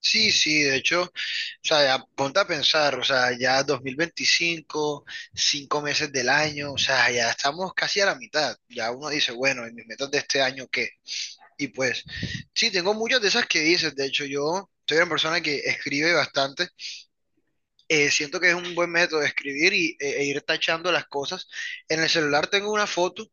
Sí, sí, de hecho, o sea, ya ponte a pensar, o sea, ya 2025, 5 meses del año, o sea, ya estamos casi a la mitad. Ya uno dice, bueno, ¿y mis metas de este año qué? Y pues, sí, tengo muchas de esas que dices, de hecho, yo soy una persona que escribe bastante, siento que es un buen método de escribir y, e ir tachando las cosas. En el celular tengo una foto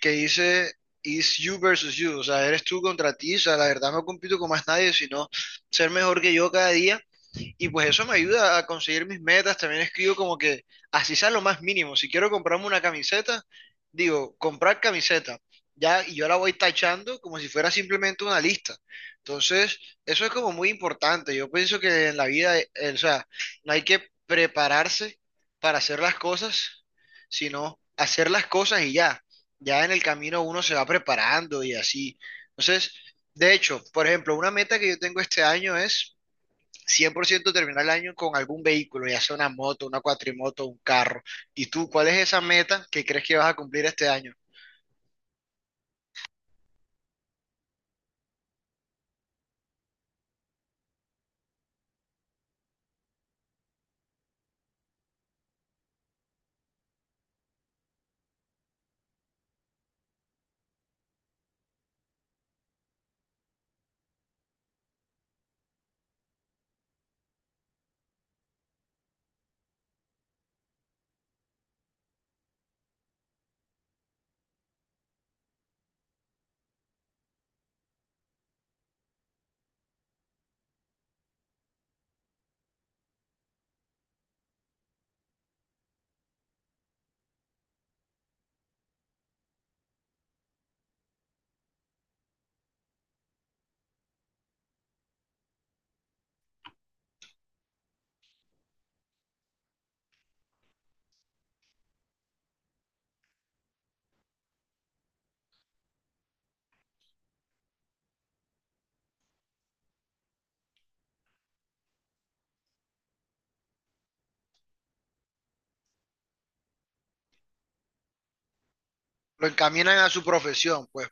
que dice: Is you versus you, o sea, eres tú contra ti, o sea, la verdad no compito con más nadie, sino ser mejor que yo cada día y pues eso me ayuda a conseguir mis metas. También escribo como que así sea lo más mínimo. Si quiero comprarme una camiseta, digo, comprar camiseta. Ya, y yo la voy tachando como si fuera simplemente una lista. Entonces, eso es como muy importante. Yo pienso que en la vida, o sea, no hay que prepararse para hacer las cosas, sino hacer las cosas y ya. Ya en el camino uno se va preparando y así. Entonces, de hecho, por ejemplo, una meta que yo tengo este año es 100% terminar el año con algún vehículo, ya sea una moto, una cuatrimoto, un carro. ¿Y tú cuál es esa meta que crees que vas a cumplir este año? ¿Lo encaminan a su profesión? Pues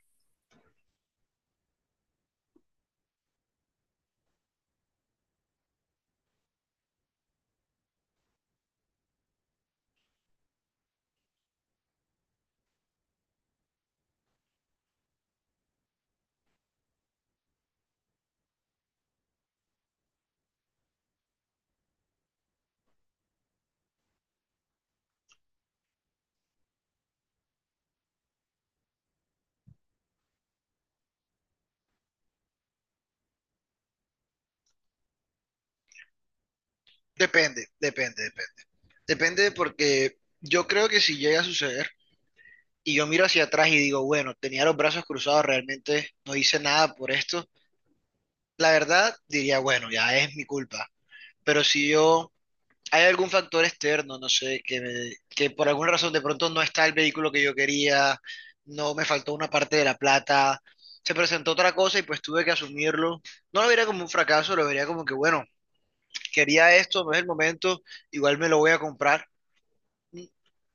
depende, depende, depende. Depende porque yo creo que si llega a suceder y yo miro hacia atrás y digo, bueno, tenía los brazos cruzados, realmente no hice nada por esto, la verdad diría, bueno, ya es mi culpa. Pero si yo hay algún factor externo, no sé, que, que por alguna razón de pronto no está el vehículo que yo quería, no me faltó una parte de la plata, se presentó otra cosa y pues tuve que asumirlo. No lo vería como un fracaso, lo vería como que, bueno, quería esto, no es el momento, igual me lo voy a comprar. Mm,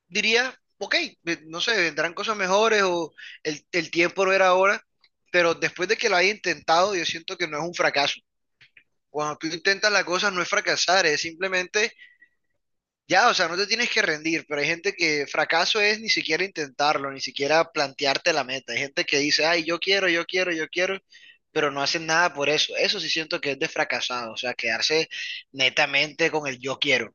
Diría, ok, no sé, vendrán cosas mejores o el tiempo no era ahora, pero después de que lo haya intentado, yo siento que no es un fracaso. Cuando tú intentas la cosa no es fracasar, es simplemente. Ya, o sea, no te tienes que rendir, pero hay gente que fracaso es ni siquiera intentarlo, ni siquiera plantearte la meta. Hay gente que dice, ay, yo quiero, yo quiero, yo quiero, pero no hacen nada por eso. Eso sí siento que es de fracasado, o sea, quedarse netamente con el yo quiero.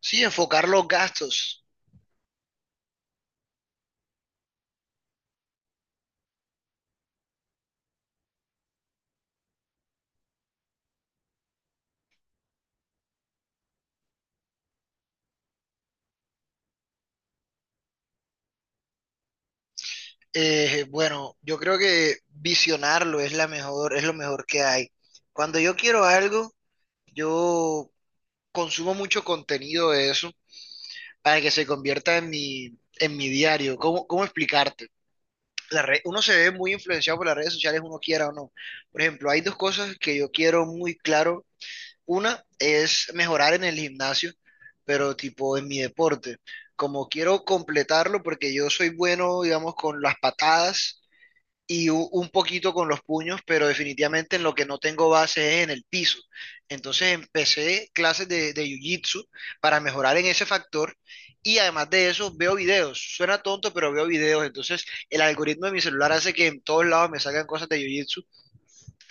Sí, enfocar los gastos. Bueno, yo creo que visionarlo es la mejor, es lo mejor que hay. Cuando yo quiero algo, yo consumo mucho contenido de eso para que se convierta en mi diario. ¿Cómo, cómo explicarte? Uno se ve muy influenciado por las redes sociales, uno quiera o no. Por ejemplo, hay dos cosas que yo quiero muy claro. Una es mejorar en el gimnasio, pero tipo en mi deporte. Como quiero completarlo, porque yo soy bueno, digamos, con las patadas, y un poquito con los puños, pero definitivamente en lo que no tengo base es en el piso. Entonces empecé clases de jiu-jitsu para mejorar en ese factor y además de eso veo videos. Suena tonto, pero veo videos. Entonces el algoritmo de mi celular hace que en todos lados me salgan cosas de jiu-jitsu,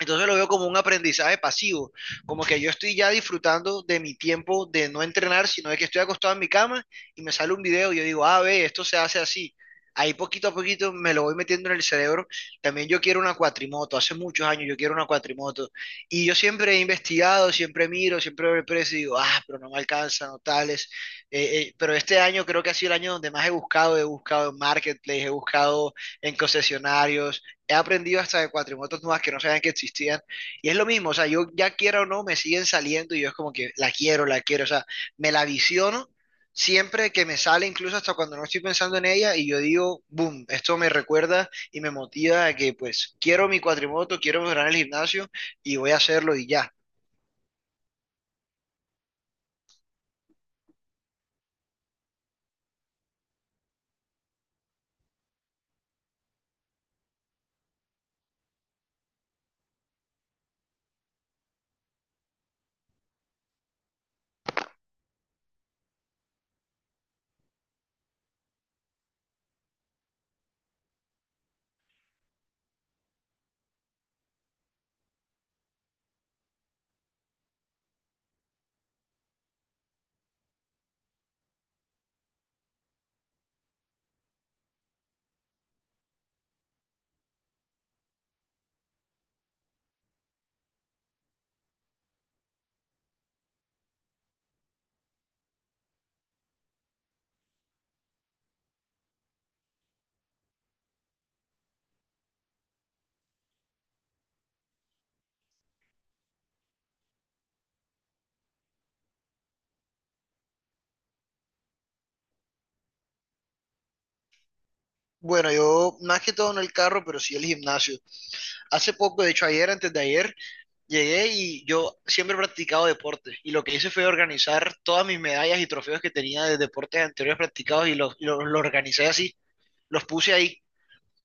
entonces lo veo como un aprendizaje pasivo, como que yo estoy ya disfrutando de mi tiempo de no entrenar, sino de que estoy acostado en mi cama y me sale un video y yo digo, ah, ve, esto se hace así. Ahí poquito a poquito me lo voy metiendo en el cerebro. También yo quiero una cuatrimoto, hace muchos años yo quiero una cuatrimoto. Y yo siempre he investigado, siempre miro, siempre veo el precio y digo, ah, pero no me alcanza, no tales. Pero este año creo que ha sido el año donde más he buscado en marketplace, he buscado en concesionarios, he aprendido hasta de cuatrimotos nuevas que no sabían que existían. Y es lo mismo, o sea, yo ya quiera o no, me siguen saliendo y yo es como que la quiero, o sea, me la visiono siempre que me sale, incluso hasta cuando no estoy pensando en ella, y yo digo, boom, esto me recuerda y me motiva a que pues quiero mi cuatrimoto, quiero mejorar el gimnasio y voy a hacerlo y ya. Bueno, yo más que todo en el carro, pero sí el gimnasio. Hace poco, de hecho ayer, antes de ayer, llegué y yo siempre he practicado deporte y lo que hice fue organizar todas mis medallas y trofeos que tenía de deportes anteriores practicados y los organicé así, los puse ahí.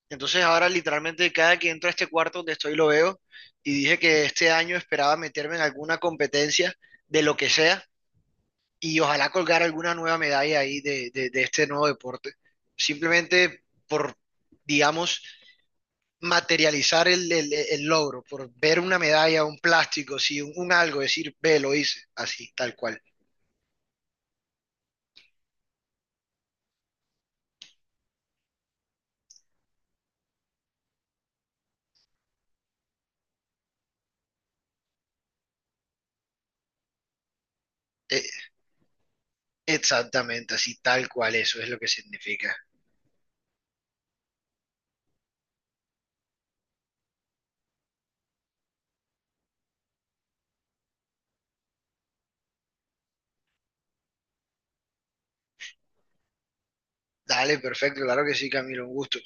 Entonces ahora literalmente cada que entro a este cuarto donde estoy lo veo y dije que este año esperaba meterme en alguna competencia de lo que sea y ojalá colgar alguna nueva medalla ahí de este nuevo deporte. Simplemente por, digamos, materializar el logro, por ver una medalla, un plástico, sí, un algo, decir, ve, lo hice, así, tal cual. Eh, exactamente, así, tal cual, eso es lo que significa. Dale, perfecto, claro que sí, Camilo, un gusto.